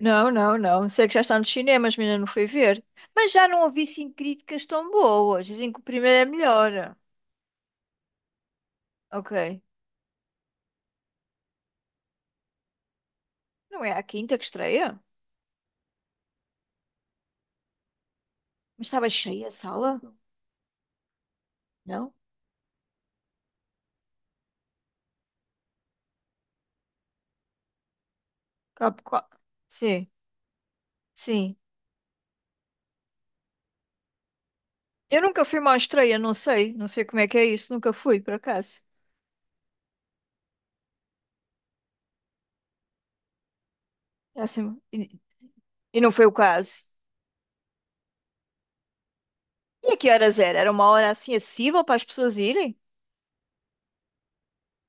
Não, não, não. Sei que já está nos cinemas, mas ainda não fui ver. Mas já não ouvi sim críticas tão boas. Dizem que o primeiro é melhor. Ok. Não é a quinta que estreia? Mas estava cheia a sala? Não? Cap- qua- Sim, sim. Eu nunca fui a uma estreia, não sei. Não sei como é que é isso. Nunca fui, por acaso. É assim- E e não foi o caso. E a que horas era? Era uma hora assim acessível para as pessoas irem?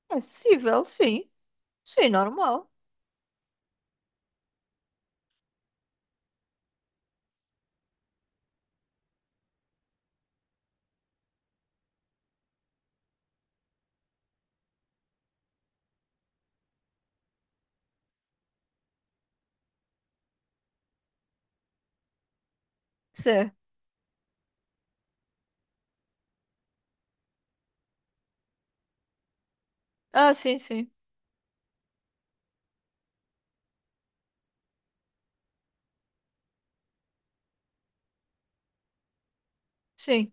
Acessível, sim. Sim, normal. Sim. Ah, sim, sim. Sim.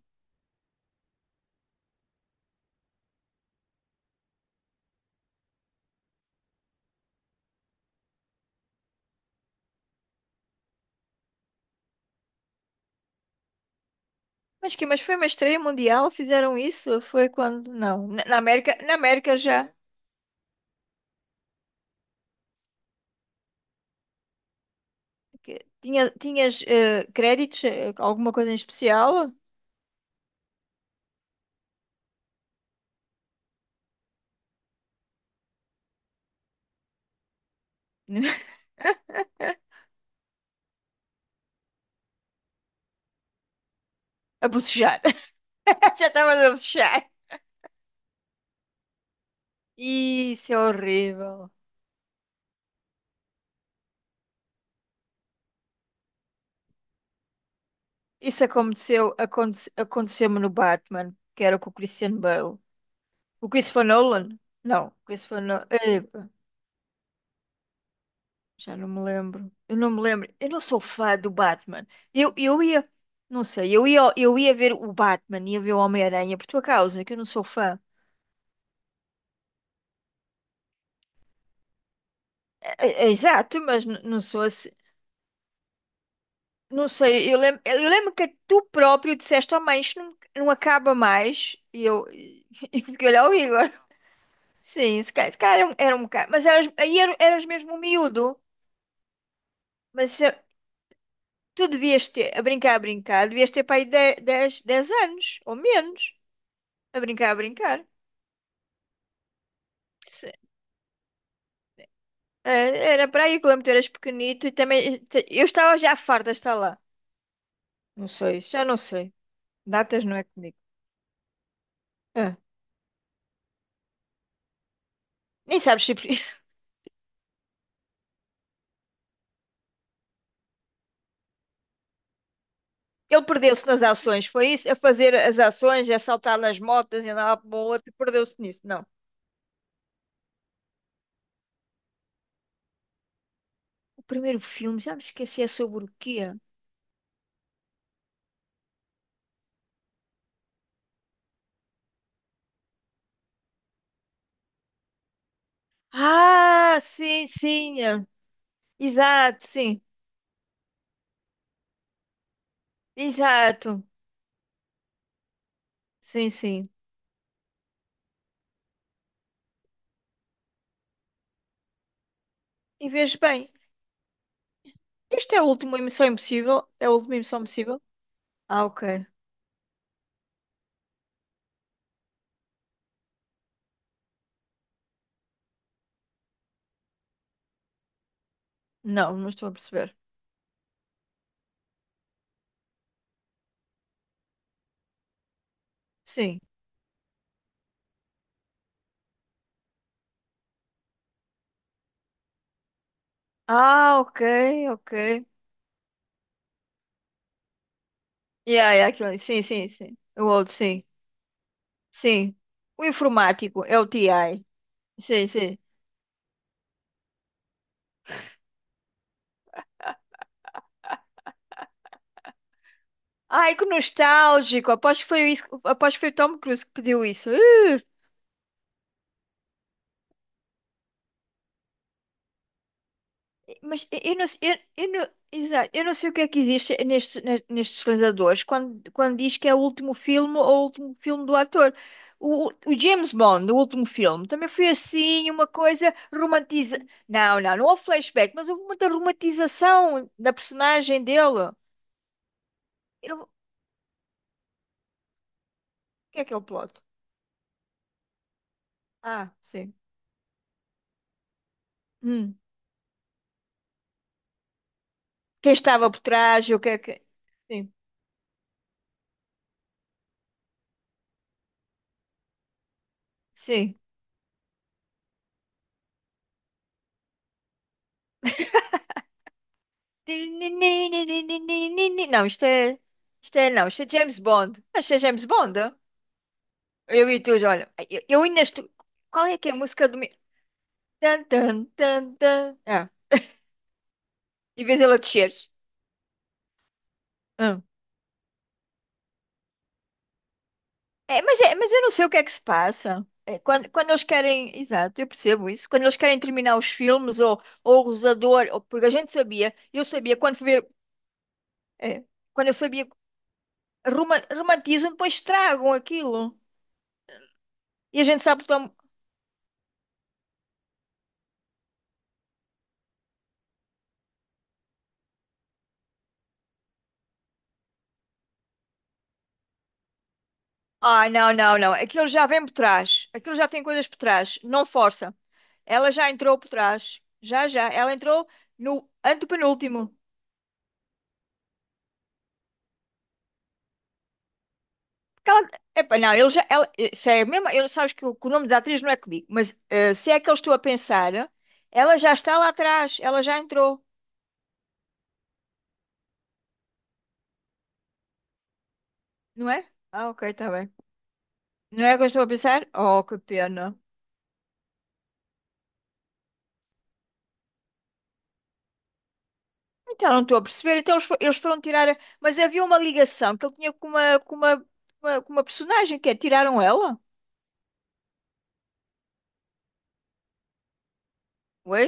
Mas foi uma estreia mundial? Fizeram isso? Foi quando? Não. Na América já. Tinhas créditos? Alguma coisa em especial? A bocejar. Já estavas a bocejar. Isso é horrível. Isso aconteceu-me no Batman, que era com o Christian Bale. O Christopher Nolan? Não. Christopher Nolan. Já não me lembro. Eu não me lembro. Eu não sou fã do Batman. Eu ia, não sei, eu ia ver o Batman, ia ver o Homem-Aranha por tua causa, que eu não sou fã. É- Exato, mas não sou assim. Não sei, eu lembro que tu próprio disseste: "Oh, mãe, isto não, não acaba mais." E eu, e eu fiquei olhar o Igor. Sim, se calhar era um bocado. Mas eras mesmo um miúdo. Mas tu devias ter, a brincar, devias ter para aí dez anos ou menos, a brincar, a brincar. Se- É, era para aí que o Lampião era pequenito e também. Eu estava já farta de estar lá. Não sei, já não sei. Datas não é comigo. Ah, nem sabes se. Ele perdeu-se nas ações, foi isso? A fazer as ações, a saltar nas motas e andar lá para o outro, perdeu-se nisso. Não. O primeiro filme, já me esqueci, é sobre o quê? Ah, sim, sim. É. Exato, sim. Exato. Sim, sim. E vejo bem. Este é o último Missão Impossível? É a última Missão Impossível? Ah, ok. Não, não estou a perceber. Sim. Ah, ok, ok. Yeah, yeah, aquilo, ali. Sim, sim, sim. O outro, sim. Sim. O informático é o TI. Sim, sim. Ai, que nostálgico. Aposto que foi isso, aposto que foi o Tom Cruise que pediu isso. Mas eu não, exato, eu não sei o que é que existe nestes realizadores quando diz que é o último filme ou o último filme do ator. O James Bond, o último filme, também foi assim, uma coisa romantiza. Não, não, não houve flashback, mas houve muita romantização da personagem dele. O que é o plot? Ah, sim. Hum. Quem estava por trás, o que é que. Sim, sim. Não, isto é. Isto é, não, isto é James Bond. Mas isto é James Bond? Eu e tu, olha. Eu ainda estou. Qual é que é a música do? Tan, tan, tan, tan. Ah, e vês ela descer. Ah. Mas eu não sei o que é que se passa. É, quando eles querem. Exato, eu percebo isso. Quando eles querem terminar os filmes ou o Rosador, ou, porque a gente sabia, eu sabia quando fui ver. É, quando eu sabia. Romantizam, depois estragam aquilo. E a gente sabe. Ai, não, não, não. Aquilo já vem por trás. Aquilo já tem coisas por trás. Não força. Ela já entrou por trás. Já, já. Ela entrou no antepenúltimo. Porque ela... Epá, não, ele já. Ela... Isso é mesmo. Sabes que que o nome da atriz não é comigo, mas se é que eu estou a pensar, ela já está lá atrás. Ela já entrou, não é? Ah, ok, está bem. Não é que eu estou a pensar? Oh, que pena. Então, não estou a perceber. Então, eles foram tirar. Mas havia uma ligação que ele tinha com uma personagem que é, tiraram ela. Ué?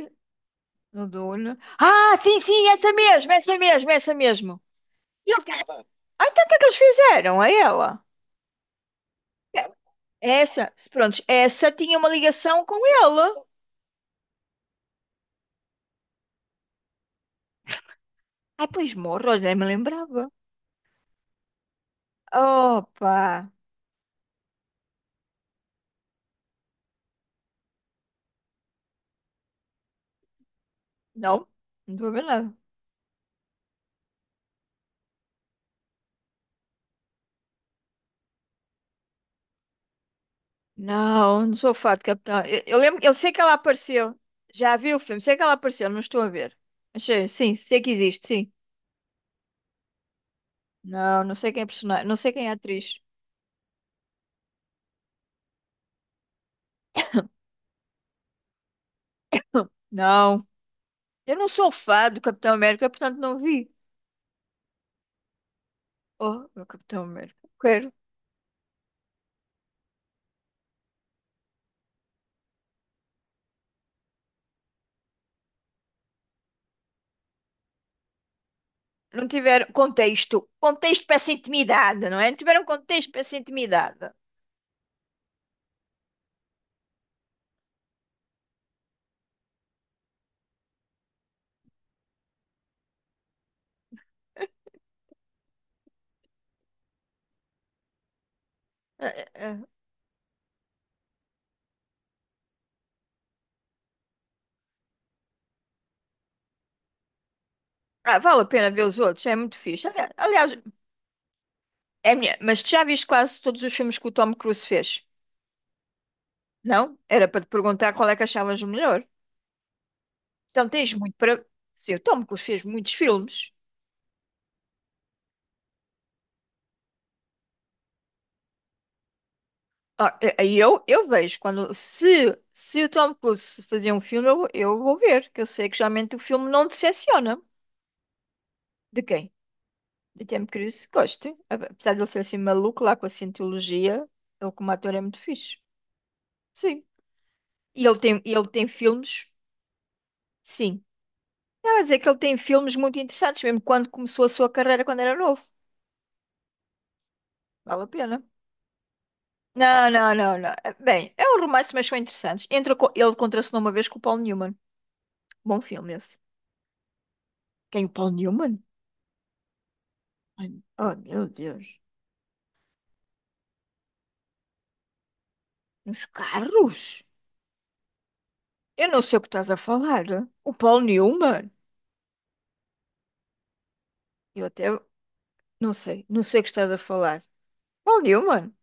No Duna. Ah, sim, sim, essa mesmo, essa mesmo, essa mesmo. E ele... Ah, então o que é que eles fizeram a ela? Essa, pronto, essa tinha uma ligação com ela. Ah, pois morro, já me lembrava. Opa! Não, não estou a ver nada. Não, não sou fã de Capitão. Eu lembro, eu sei que ela apareceu. Já vi o filme, sei que ela apareceu, não estou a ver. Mas sei, sim, sei que existe, sim. Não, não sei quem é personagem, não sei quem é a atriz. Não, eu não sou fã do Capitão América, portanto não vi. Oh, meu Capitão América. Quero. Não tiveram contexto. Contexto para essa intimidade, não é? Não tiveram contexto para essa intimidade. Ah, ah, ah. Ah, vale a pena ver os outros, é muito fixe. Aliás, é minha, mas tu já viste quase todos os filmes que o Tom Cruise fez? Não? Era para te perguntar qual é que achavas o melhor. Então tens muito para. Sim, o Tom Cruise fez muitos filmes. Ah, eu vejo quando se o Tom Cruise fazia um filme, eu vou ver, que eu sei que geralmente o filme não decepciona. De quem? De Tom Cruise, gosto. Apesar de ele ser assim maluco lá com a cientologia, ele como ator é muito fixe. Sim. E ele tem filmes, sim. Eu ia dizer que ele tem filmes muito interessantes, mesmo quando começou a sua carreira quando era novo. Vale a pena. Não, não, não, não. Bem, é um romance, mas são interessantes. Ele contracenou uma vez com o Paul Newman. Bom filme esse. Quem, o Paul Newman? Ai, oh, meu Deus. Nos carros? Eu não sei o que estás a falar. O Paul Newman? Eu até não sei. Não sei o que estás a falar. Paul Newman?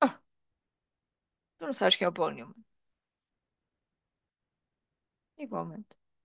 Ah, tu não sabes quem é o Paul Newman. Igualmente.